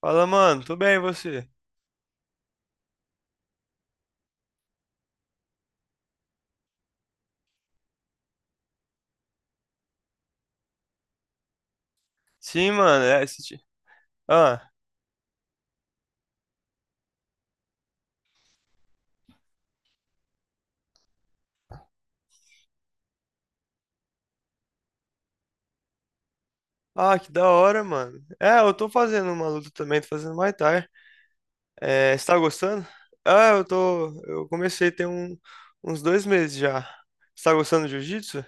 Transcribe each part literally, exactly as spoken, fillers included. Fala, mano, tudo bem e você? Sim, mano, é assisti. Ah, ah, que da hora, mano. É, eu tô fazendo uma luta também, tô fazendo Muay Thai. É, você tá gostando? Ah, eu tô. Eu comecei tem um, uns dois meses já. Você tá gostando de jiu-jitsu?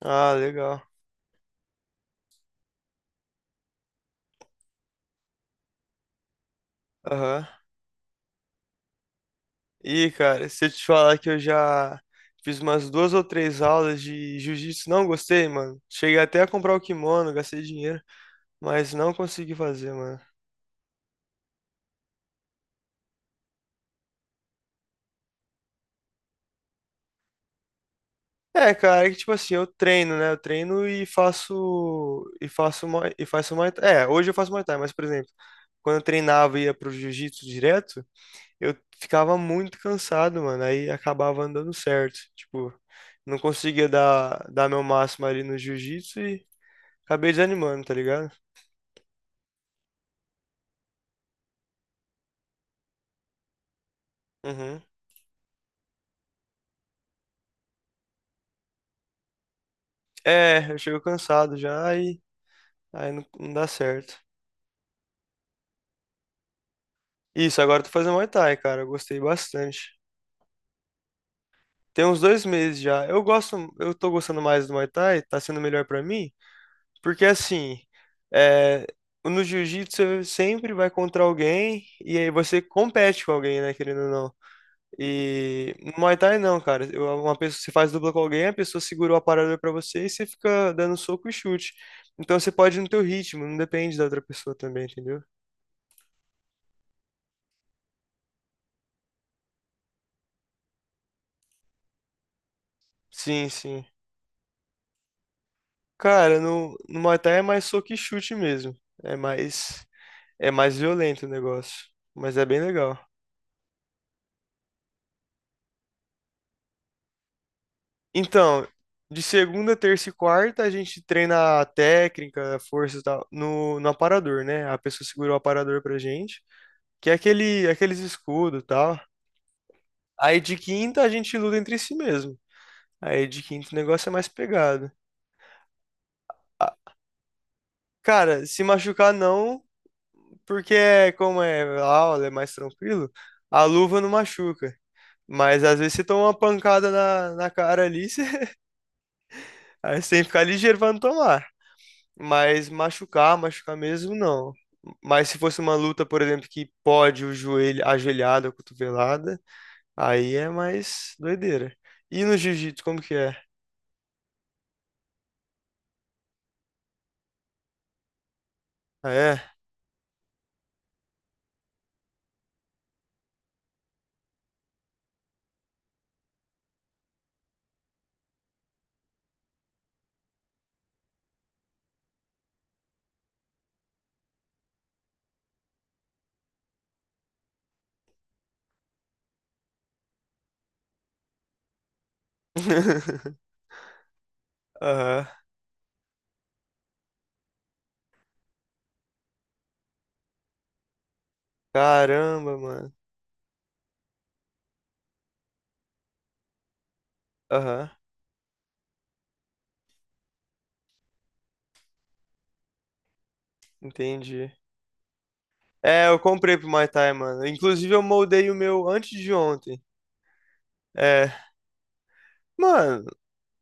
Ah, legal. Aham. E, cara, se eu te falar que eu já fiz umas duas ou três aulas de jiu-jitsu, não gostei, mano. Cheguei até a comprar o kimono, gastei dinheiro, mas não consegui fazer, mano. É, cara, é que tipo assim, eu treino, né? Eu treino e faço e faço Muay- e faço Muay Thai. É, hoje eu faço Muay Thai, mas por exemplo, quando eu treinava e ia pro jiu-jitsu direto, eu ficava muito cansado, mano. Aí acabava não dando certo, tipo, não conseguia dar dar meu máximo ali no jiu-jitsu e acabei desanimando, tá ligado? Uhum. É, eu chego cansado já e aí não, não dá certo. Isso, agora eu tô fazendo Muay Thai, cara. Eu gostei bastante. Tem uns dois meses já. Eu gosto, eu tô gostando mais do Muay Thai, tá sendo melhor pra mim, porque assim, é, no jiu-jitsu você sempre vai contra alguém e aí você compete com alguém, né, querendo ou não. E no Muay Thai não, cara. Eu- Uma pessoa, você faz dupla com alguém, a pessoa segurou a parada pra você e você fica dando soco e chute. Então você pode ir no teu ritmo, não depende da outra pessoa também, entendeu? Sim, sim. Cara, no, no Muay Thai é mais soco e chute mesmo. É mais É mais violento o negócio, mas é bem legal. Então, de segunda, terça e quarta, a gente treina a técnica, a força e tal, no, no aparador, né? A pessoa segura o aparador pra gente, que é aquele, aqueles escudos e tal. Aí de quinta, a gente luta entre si mesmo. Aí de quinta o negócio é mais pegado. Ah, cara, se machucar não, porque é- como é aula, é mais tranquilo, a luva não machuca. Mas às vezes você toma uma pancada na, na cara ali, você, aí você tem que ficar ligeiro pra não tomar. Mas machucar, machucar mesmo, não. Mas se fosse uma luta, por exemplo, que pode o joelho, ajoelhada, cotovelada, aí é mais doideira. E no jiu-jitsu, como que é? Ah, é? Aham. Caramba, mano. Aham, entendi. É, eu comprei pro Muay Thai, mano. Inclusive, eu moldei o meu antes de ontem. É. Mano,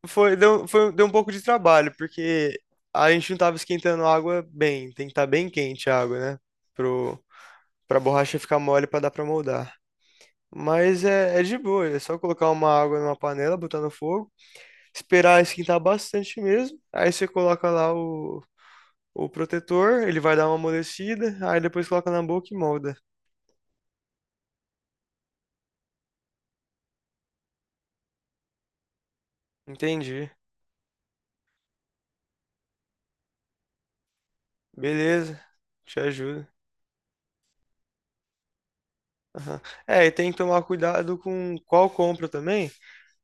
foi, deu, foi, deu um pouco de trabalho, porque a gente não tava esquentando a água bem. Tem que estar bem quente a água, né? Pro, Pra borracha ficar mole pra dar pra moldar. Mas é, é de boa, é só colocar uma água numa panela, botar no fogo, esperar esquentar bastante mesmo. Aí você coloca lá o, o protetor, ele vai dar uma amolecida, aí depois coloca na boca e molda. Entendi. Beleza, te ajuda. É, e tem que tomar cuidado com qual compra também,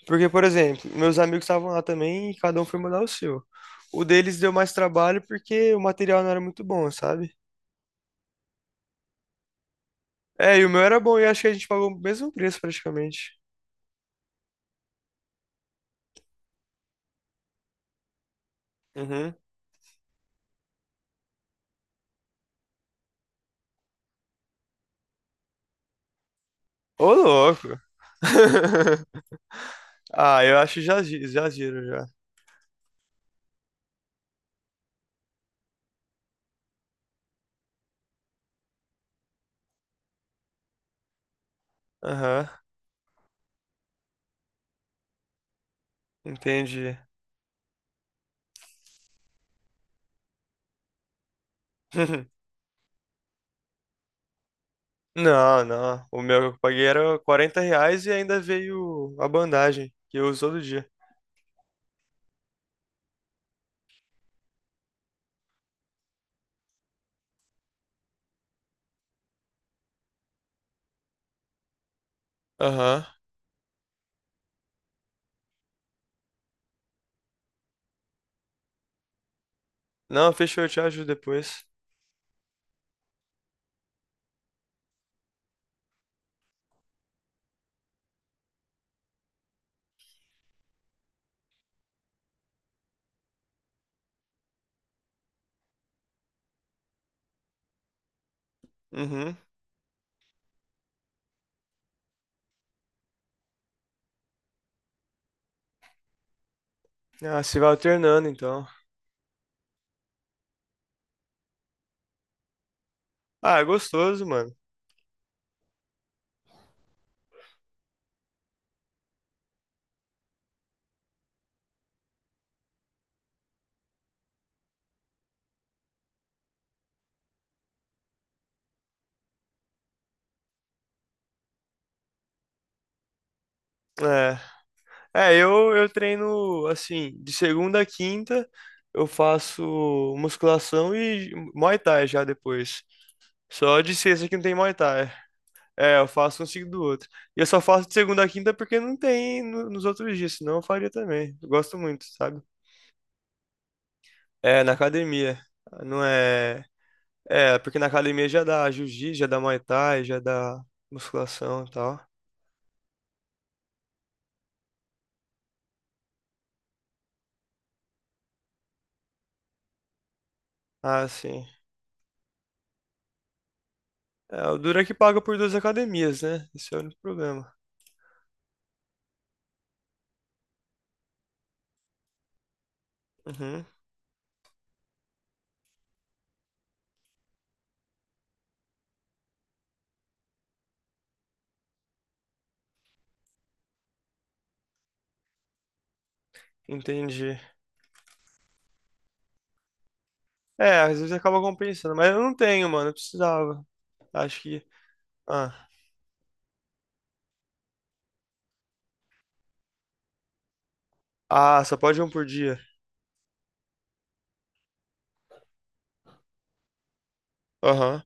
porque, por exemplo, meus amigos estavam lá também e cada um foi mandar o seu. O deles deu mais trabalho porque o material não era muito bom, sabe? É, e o meu era bom, e acho que a gente pagou o mesmo preço praticamente. Uhum. Ô, louco! Ah, eu acho já, gi- já giro já. Aham, entendi. Não, não. O meu que eu paguei era quarenta reais e ainda veio a bandagem, que eu uso todo dia. Aham. Não, fechou, eu te ajudo depois. Uhum. Ah, se vai alternando então. Ah, é gostoso, mano. É. É, eu, eu treino assim, de segunda a quinta eu faço musculação e Muay Thai já depois. Só de sexta que não tem Muay Thai. É, eu faço um seguido do outro. E eu só faço de segunda a quinta porque não tem no- nos outros dias, senão eu faria também. Eu gosto muito, sabe? É, na academia. Não é. É, porque na academia já dá jiu-jitsu, já dá Muay Thai, já dá musculação e tal. Ah, sim. É, o duro é que paga por duas academias, né? Esse é o único problema. Uhum, entendi. É, às vezes acaba compensando, mas eu não tenho, mano. Eu precisava. Acho que. Ah, ah, só pode um por dia. Aham,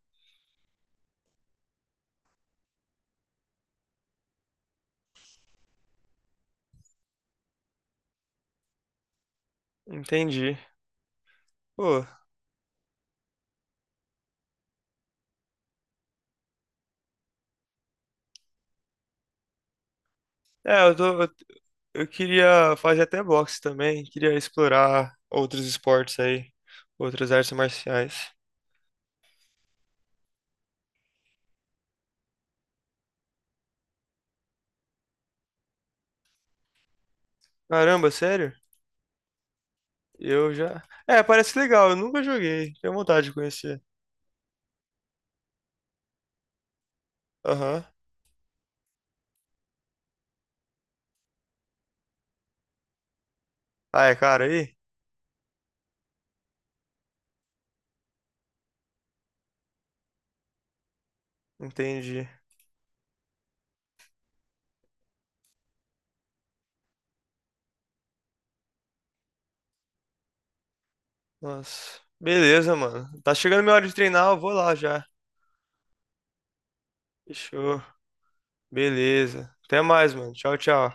entendi. Pô, é, eu tô. Eu, eu queria fazer até boxe também. Queria explorar outros esportes aí, outras artes marciais. Caramba, sério? Eu já. É, parece legal. Eu nunca joguei. Tenho vontade de conhecer. Aham. Ah, é cara aí? Entendi. Nossa. Beleza, mano. Tá chegando minha hora de treinar, eu vou lá já. Fechou. Beleza. Até mais, mano. Tchau, tchau.